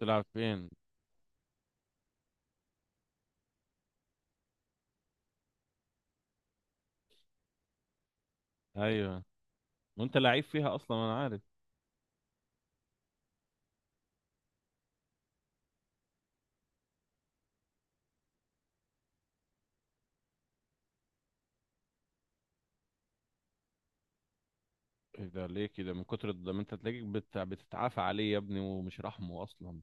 تلعب فين؟ ايوه، وانت لعيب فيها اصلا، انا عارف. ايه ده ليه كده؟ من كتر ده ما انت تلاقيك بتتعافى عليه يا ابني ومش رحمه اصلا.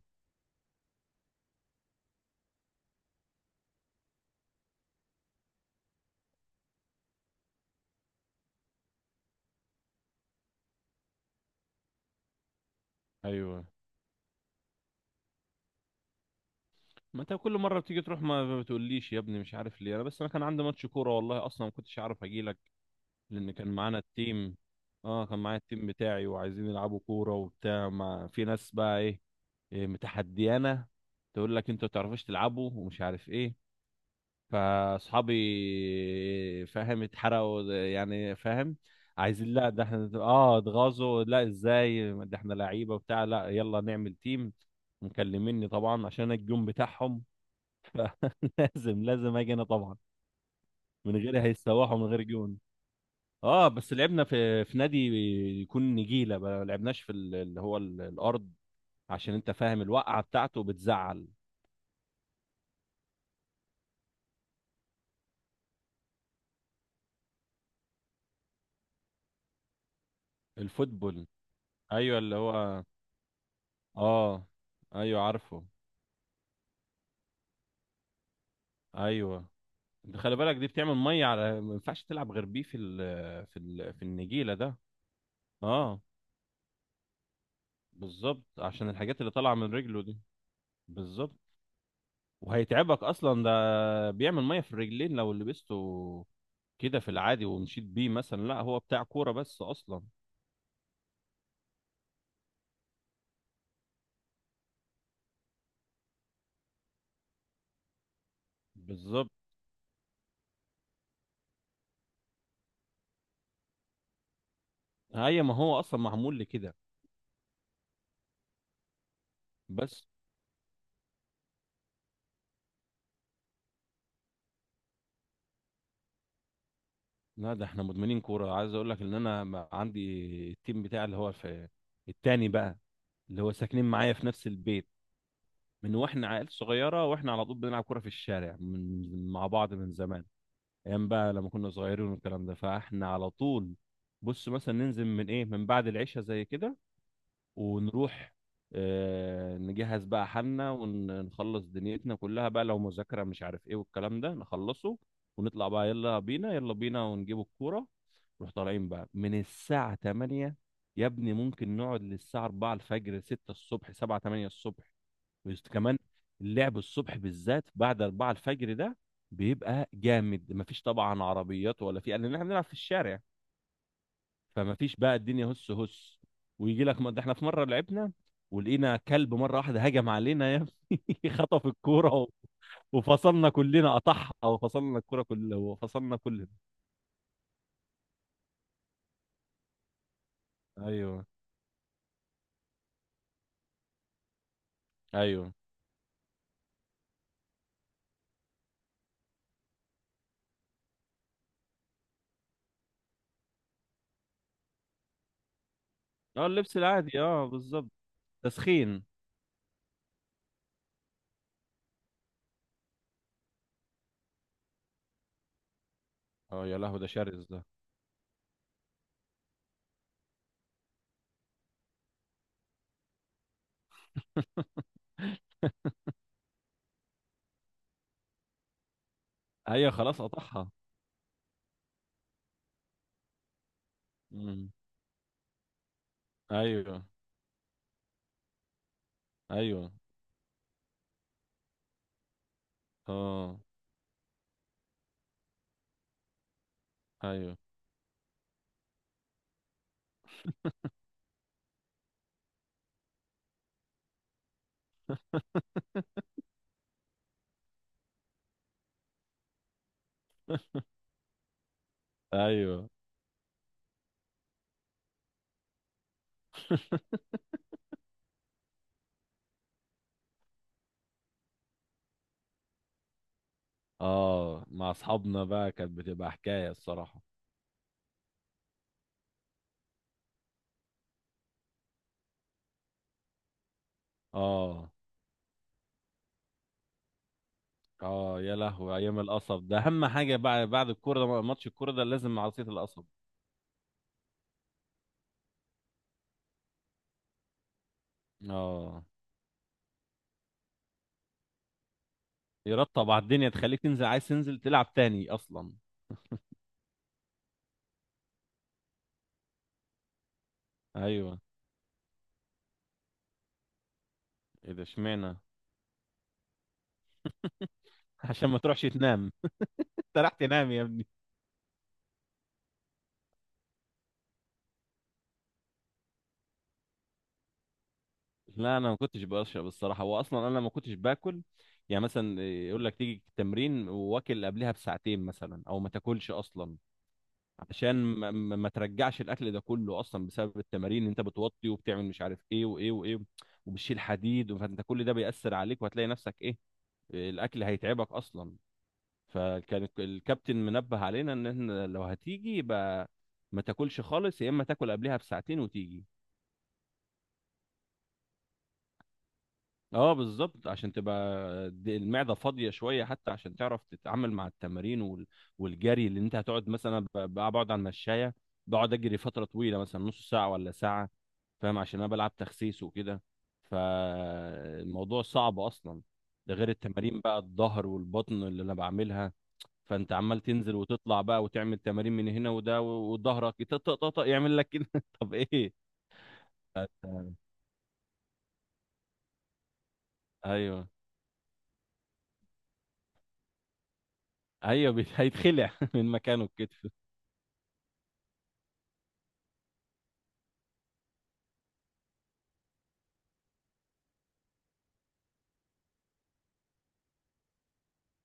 ايوه، ما انت كل مره بتيجي تروح ما بتقوليش يا ابني، مش عارف ليه. انا بس انا كان عندي ماتش كوره، والله اصلا ما كنتش عارف اجي لك. لان كان معانا التيم. اه كان معايا التيم بتاعي وعايزين يلعبوا كوره وبتاع، ما في ناس بقى إيه متحديانه، تقول لك انتوا ما تعرفوش تلعبوا ومش عارف ايه. فاصحابي فاهم اتحرقوا يعني، فاهم. عايزين، لا ده احنا، اه، اتغاظوا، لا ازاي ده احنا لعيبه وبتاع، لا يلا نعمل تيم. مكلميني طبعا عشان أنا الجون بتاعهم. لازم لازم اجي انا طبعا، من غيري هيتسوحوا من غير جون. اه بس لعبنا في نادي يكون نجيله، ما لعبناش في اللي هو الارض، عشان انت فاهم الوقعه بتاعته بتزعل. الفوتبول، ايوه اللي هو، اه، ايوه عارفه. ايوه خلي بالك دي بتعمل ميه، على ما ينفعش تلعب غير بيه في النجيله ده. اه بالظبط عشان الحاجات اللي طالعه من رجله دي. بالظبط، وهيتعبك اصلا، ده بيعمل ميه في الرجلين لو لبسته كده في العادي ومشيت بيه مثلا، لا هو بتاع كوره بس اصلا. بالظبط، هي ما هو اصلا معمول لكده. بس لا ده احنا مدمنين كوره، عايز اقول لك ان انا عندي التيم بتاعي اللي هو في التاني بقى، اللي هو ساكنين معايا في نفس البيت، من واحنا عيال صغيره واحنا على طول بنلعب كوره في الشارع من مع بعض من زمان، ايام بقى لما كنا صغيرين والكلام ده. فاحنا على طول بص مثلا ننزل من ايه من بعد العشاء زي كده ونروح، نجهز بقى حالنا ونخلص دنيتنا كلها بقى، لو مذاكره مش عارف ايه والكلام ده، نخلصه ونطلع بقى، يلا بينا يلا بينا، ونجيب الكوره. نروح طالعين بقى من الساعه 8، يا ابني ممكن نقعد للساعه 4 الفجر، 6 الصبح، 7، 8 الصبح. كمان اللعب الصبح بالذات بعد 4 الفجر ده بيبقى جامد، مفيش طبعا عربيات ولا في، لان احنا بنلعب في الشارع، فمفيش بقى الدنيا هس هس. ويجي لك ده احنا في مره لعبنا ولقينا كلب مره واحده هجم علينا يا ابني، خطف الكوره وفصلنا كلنا قطعها وفصلنا الكوره كلها وفصلنا كلنا. ايوه، ايوه. اه اللبس العادي، اه بالظبط، تسخين. اه يا لهوي، ده شرس ده. ايوه خلاص قطعها. مم. ايوه، ايوه، اه، ايوه، ايوه، اه، مع اصحابنا بقى كانت بتبقى حكايه الصراحه. اه، اه يا لهوي، ايام القصب ده اهم حاجه بقى بعد الكوره، ده ماتش الكوره ده لازم عصير القصب. اه يرطب على الدنيا، تخليك تنزل، عايز تنزل تلعب تاني اصلا. ايوه، ايه ده اشمعنى؟ عشان ما تروحش تنام. انت راح تنام يا ابني. لا انا ما كنتش بشرب الصراحه، واصلا انا ما كنتش باكل، يعني مثلا يقول لك تيجي التمرين واكل قبلها بساعتين مثلا او ما تاكلش اصلا، عشان ما ترجعش الاكل ده كله، اصلا بسبب التمارين اللي انت بتوطي وبتعمل مش عارف ايه وايه وايه، وبتشيل حديد، فانت كل ده بيأثر عليك وهتلاقي نفسك ايه، الاكل هيتعبك اصلا. فكان الكابتن منبه علينا ان احنا لو هتيجي يبقى ما تاكلش خالص، يا اما تاكل قبلها بساعتين وتيجي. اه بالظبط، عشان تبقى المعده فاضيه شويه، حتى عشان تعرف تتعامل مع التمارين والجري اللي انت هتقعد مثلا بقعد على المشايه، بقعد اجري فتره طويله مثلا نص ساعه ولا ساعه، فاهم، عشان انا بلعب تخسيس وكده، فالموضوع صعب اصلا، ده غير التمارين بقى الظهر والبطن اللي انا بعملها. فانت عمال تنزل وتطلع بقى وتعمل تمارين من هنا وده، وظهرك طق يعمل لك كده. طب ايه؟ فأنت- ايوه، ايوه، هيتخلع من مكانه الكتف.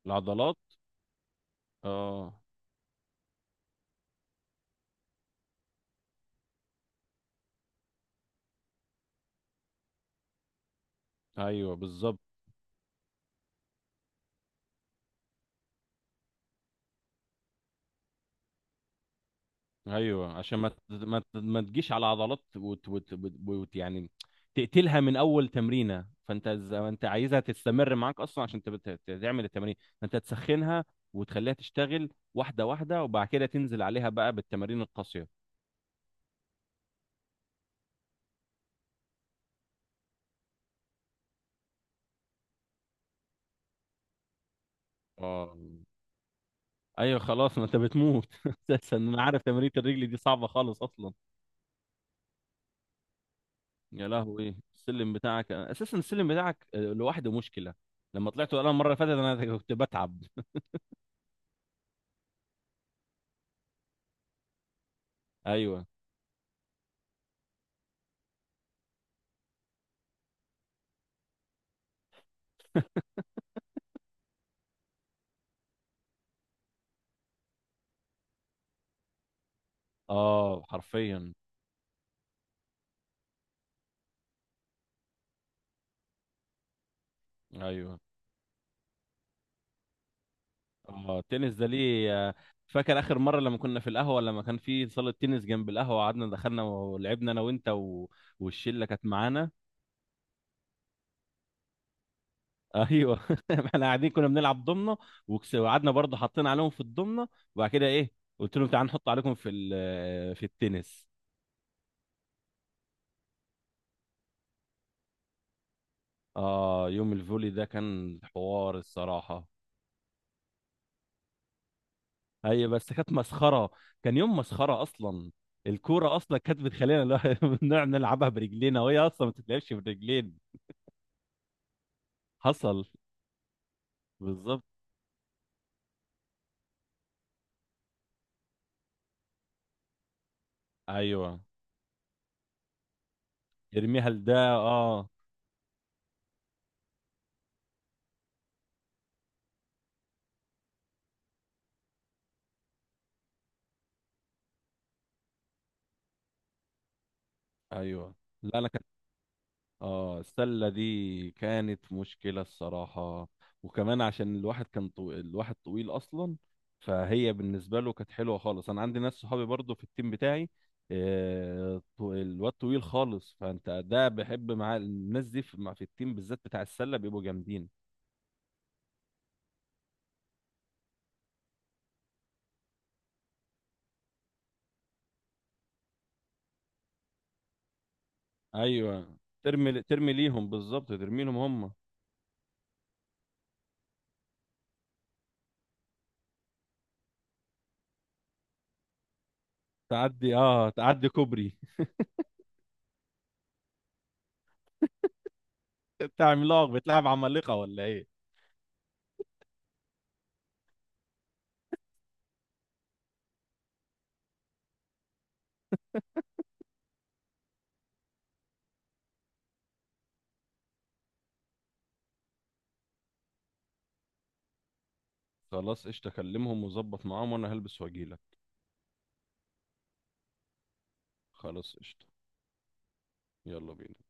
العضلات. اه، ايوه بالظبط. ايوه عشان ما تجيش على عضلات، وت وت وت وت يعني تقتلها من اول تمرينه، فانت ز- انت عايزها تستمر معاك اصلا، عشان تعمل التمارين، فانت تسخنها وتخليها تشتغل واحده واحده، وبعد كده تنزل عليها بقى بالتمارين القاسيه. اه ايوه، خلاص ما انت بتموت اساسا، انا عارف تمارين الرجل دي صعبه خالص اصلا. يا لهوي السلم بتاعك، اساسا السلم بتاعك لوحده مشكله، لما طلعت انا المره اللي فاتت انا كنت بتعب. ايوه، اه حرفيا. ايوه، اه التنس ده ليه؟ فاكر اخر مره لما كنا في القهوه لما كان في صاله تنس جنب القهوه، قعدنا دخلنا ولعبنا انا وانت والشله كانت معانا. ايوه احنا قاعدين كنا بنلعب ضمنه، وقعدنا برضه حطينا عليهم في الضمنه، وبعد كده ايه قلت لهم تعالوا نحط عليكم في التنس. اه يوم الفولي ده كان حوار الصراحه. هي بس كانت مسخره، كان يوم مسخره اصلا، الكوره اصلا كانت بتخلينا نقعد نلعبها برجلينا وهي اصلا ما بتتلعبش برجلين. حصل، بالظبط. ايوه، ارميها لده، اه. ايوه لا انا كان، اه السله دي كانت مشكله الصراحه، وكمان عشان الواحد كان الواحد طويل اصلا، فهي بالنسبه له كانت حلوه خالص. انا عندي ناس صحابي برضو في التيم بتاعي، الواد طويل خالص، فانت ده بحب مع الناس دي في التيم بالذات بتاع السله بيبقوا جامدين. ايوه، ترمي ترمي ليهم، بالظبط ترمي لهم هم. تعدي كوبري، بتاع عملاق بتلعب عمالقة ولا ايه. خلاص قشطة، كلمهم وظبط معاهم وانا هلبس واجيلك. خلاص قشطة. يلا بينا.